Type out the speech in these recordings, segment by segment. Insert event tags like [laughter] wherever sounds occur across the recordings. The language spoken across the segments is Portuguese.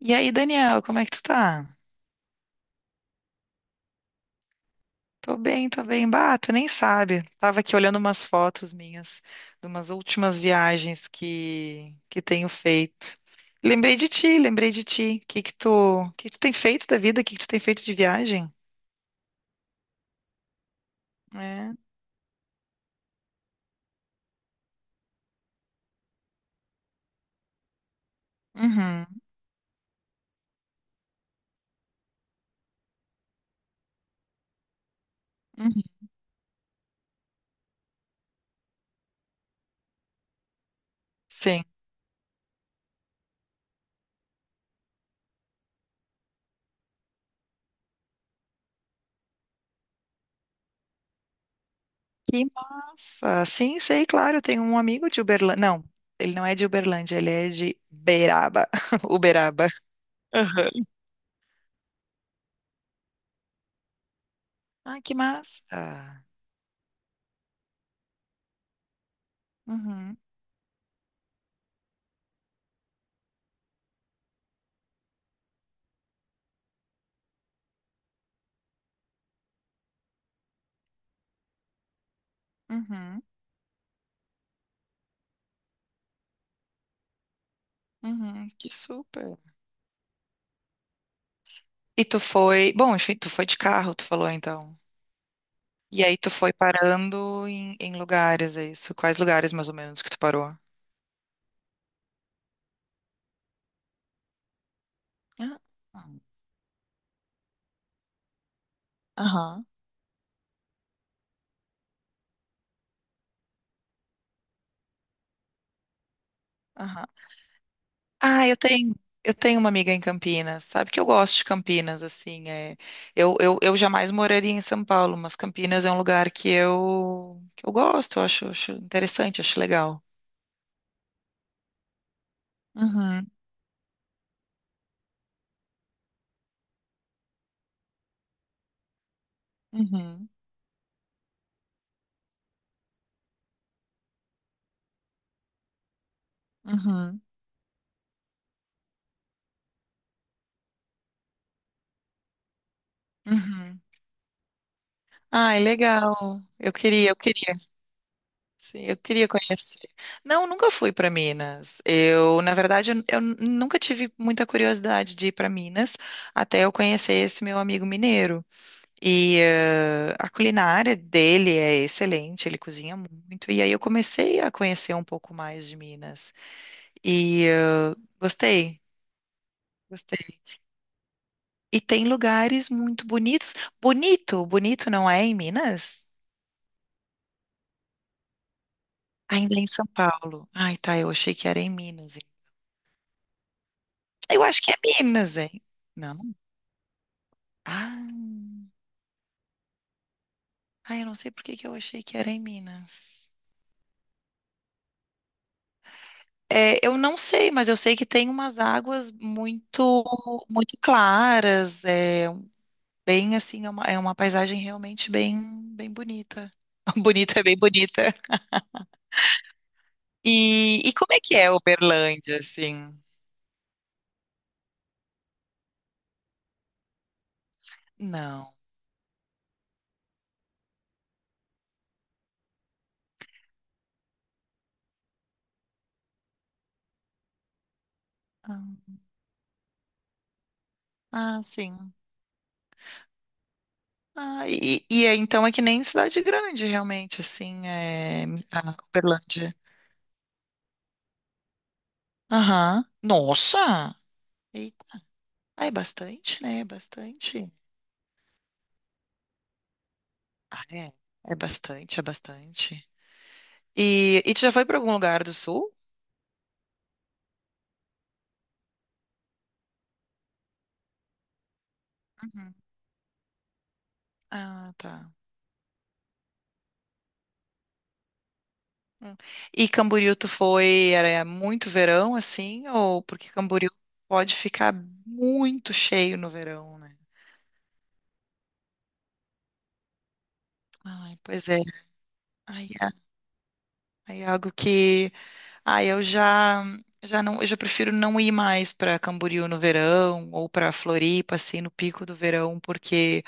E aí, Daniel, como é que tu tá? Tô bem, tô bem. Bah, tu nem sabe. Tava aqui olhando umas fotos minhas de umas últimas viagens que tenho feito. Lembrei de ti, lembrei de ti. Que tu tem feito da vida? O que que tu tem feito de viagem? É. Uhum, uhum. Sim. Que massa. Sim, sei, claro. Eu tenho um amigo de Uberlândia. Não, ele não é de Uberlândia, ele é de Beraba. [laughs] Uberaba. Aham. Ah, que massa. Uhum, uhum. Uhum, que super. Bom, enfim, tu foi de carro, tu falou então. E aí tu foi parando em lugares, é isso? Quais lugares mais ou menos que tu parou? Ah, aham, aham. Ah, eu tenho uma amiga em Campinas. Sabe que eu gosto de Campinas, assim, é. Eu jamais moraria em São Paulo, mas Campinas é um lugar que eu gosto, eu acho interessante, acho legal. Uhum, uhum, uhum, uhum. Ai, legal. Eu queria, eu queria. Sim, eu queria conhecer. Não, nunca fui para Minas. Na verdade, eu nunca tive muita curiosidade de ir para Minas até eu conhecer esse meu amigo mineiro. A culinária dele é excelente, ele cozinha muito. E aí eu comecei a conhecer um pouco mais de Minas. E eh, Gostei, gostei. E tem lugares muito bonitos. Bonito, Bonito não é em Minas? Ainda é em São Paulo. Ai, tá, eu achei que era em Minas. Eu acho que é Minas, hein? Não. Ah, ai, eu não sei por que que eu achei que era em Minas. É, eu não sei, mas eu sei que tem umas águas muito, muito claras. É bem assim, é uma paisagem realmente bem, bem bonita. [laughs] Bonita, é bem bonita. E como é que é Uberlândia, assim? Não. Ah, ah, sim. Ah, e, então é que nem cidade grande, realmente, assim, é, a Uberlândia. Aham. Nossa! Eita. Ah, é bastante, né? É bastante. Ah, é. É bastante, é bastante. E tu já foi para algum lugar do sul? Uhum. Ah, tá. Hum. E Camboriú tu foi, era muito verão assim, ou porque Camboriú pode ficar muito cheio no verão, né? Ai, pois é. Aí é, aí é algo que, ai, eu já prefiro não ir mais para Camboriú no verão ou para Floripa assim no pico do verão, porque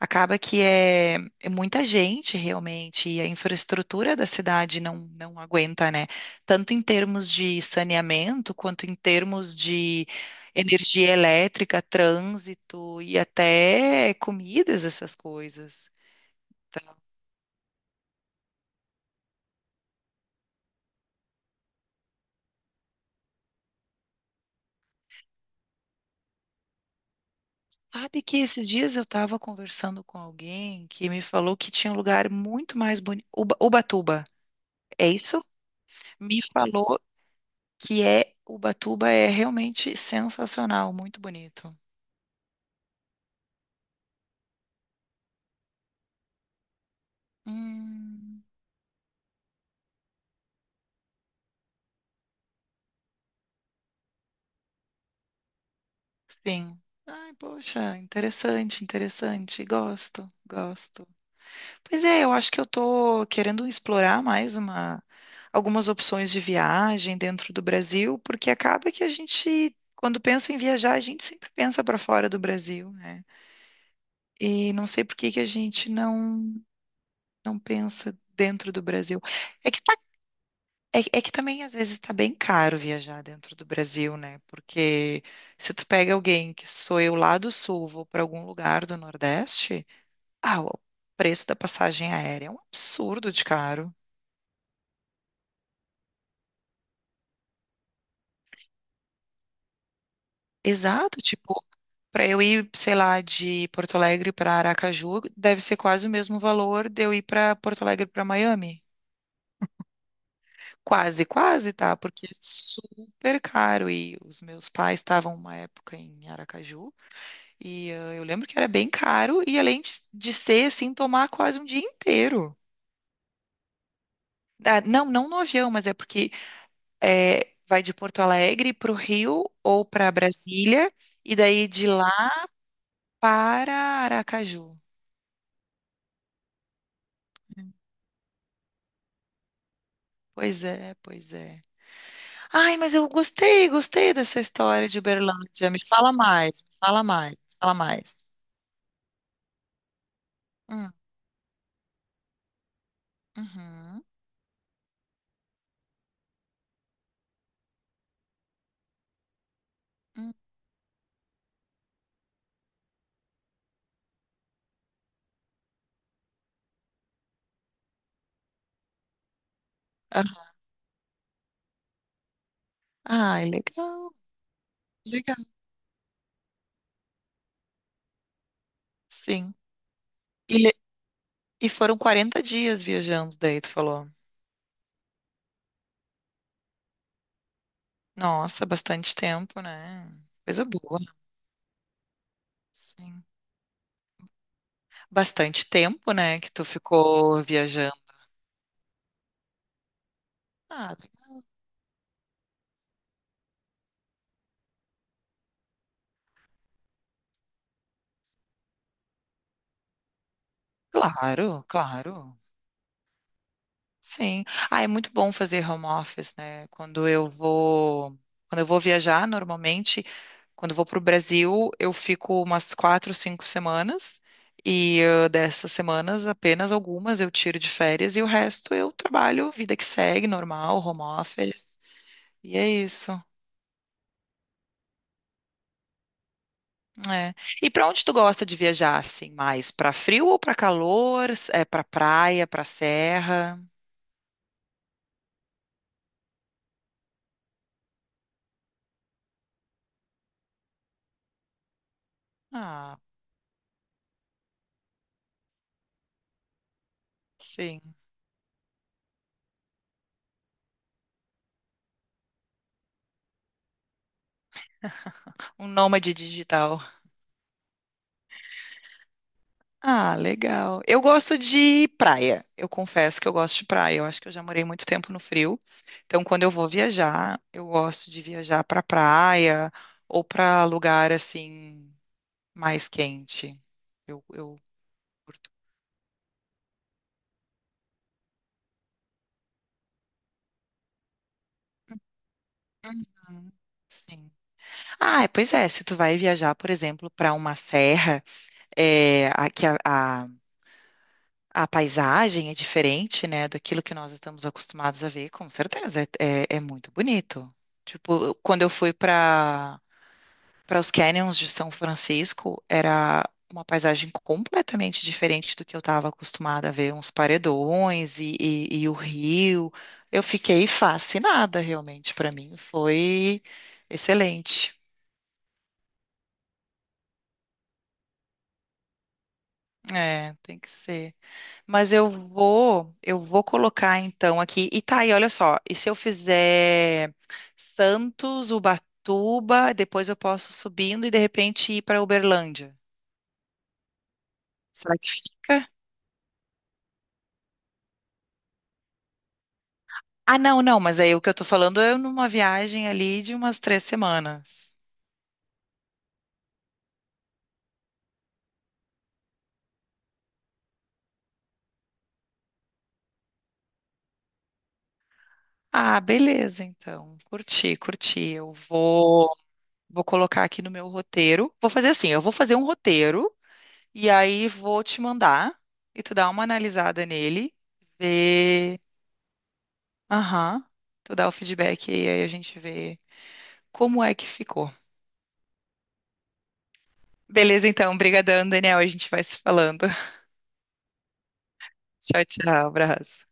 acaba que é muita gente realmente, e a infraestrutura da cidade não, não aguenta, né? Tanto em termos de saneamento, quanto em termos de energia elétrica, trânsito e até comidas, essas coisas. Então, sabe que esses dias eu estava conversando com alguém que me falou que tinha um lugar muito mais bonito, Ubatuba, é isso? Me falou que é Ubatuba é realmente sensacional, muito bonito. Hum, sim. Ai, poxa, interessante, interessante. Gosto, gosto. Pois é, eu acho que eu tô querendo explorar algumas opções de viagem dentro do Brasil, porque acaba que a gente, quando pensa em viajar, a gente sempre pensa para fora do Brasil, né? E não sei por que que a gente não, não pensa dentro do Brasil. É que É que também às vezes está bem caro viajar dentro do Brasil, né? Porque se tu pega alguém que sou eu lá do sul, vou para algum lugar do Nordeste, o preço da passagem aérea é um absurdo de caro. Exato, tipo, para eu ir, sei lá, de Porto Alegre para Aracaju, deve ser quase o mesmo valor de eu ir para Porto Alegre para Miami. Quase, quase, tá? Porque é super caro. E os meus pais estavam uma época em Aracaju. E eu lembro que era bem caro e além de ser assim, tomar quase um dia inteiro. Ah, não, não no avião, mas é porque vai de Porto Alegre para o Rio ou para Brasília e daí de lá para Aracaju. Pois é, pois é. Ai, mas eu gostei, gostei dessa história de Uberlândia. Me fala mais, me fala mais, me fala mais. Hum, uhum, hum, aham. Ai, legal, legal. Sim. E, le- e foram 40 dias viajando, daí tu falou. Nossa, bastante tempo, né? Coisa boa. Sim. Bastante tempo, né, que tu ficou viajando. Ah, legal. Claro, claro. Sim. Ah, é muito bom fazer home office, né? Quando eu vou viajar, normalmente, quando eu vou para o Brasil, eu fico umas quatro, cinco semanas. Dessas semanas, apenas algumas eu tiro de férias e o resto eu trabalho, vida que segue, normal, home office. E é isso. É. E para onde tu gosta de viajar assim mais? Para frio ou para calor? É para praia, para serra? Ah, sim. Um nômade digital. Ah, legal. Eu gosto de praia. Eu confesso que eu gosto de praia. Eu acho que eu já morei muito tempo no frio. Então, quando eu vou viajar, eu gosto de viajar para praia ou para lugar assim mais quente. Eu curto. Uhum, sim. Ah, é, pois é. Se tu vai viajar, por exemplo, para uma serra é, a, que a paisagem é diferente, né, daquilo que nós estamos acostumados a ver, com certeza, é muito bonito. Tipo, quando eu fui para os canyons de São Francisco, era uma paisagem completamente diferente do que eu estava acostumada a ver, uns paredões e o rio. Eu fiquei fascinada, realmente, para mim foi excelente. É, tem que ser. Mas eu vou colocar então aqui. E tá aí, olha só. E se eu fizer Santos, Ubatuba, depois eu posso subindo e de repente ir para Uberlândia. Será que fica? Ah, não, não, mas aí o que eu tô falando é numa viagem ali de umas três semanas. Ah, beleza, então. Curti, curti. Eu vou colocar aqui no meu roteiro. Vou fazer assim, eu vou fazer um roteiro e aí vou te mandar e tu dá uma analisada nele, ver. Aham. Tu dá o feedback e aí a gente vê como é que ficou. Beleza, então. Obrigadão, Daniel. A gente vai se falando. [laughs] Tchau, tchau. Abraço.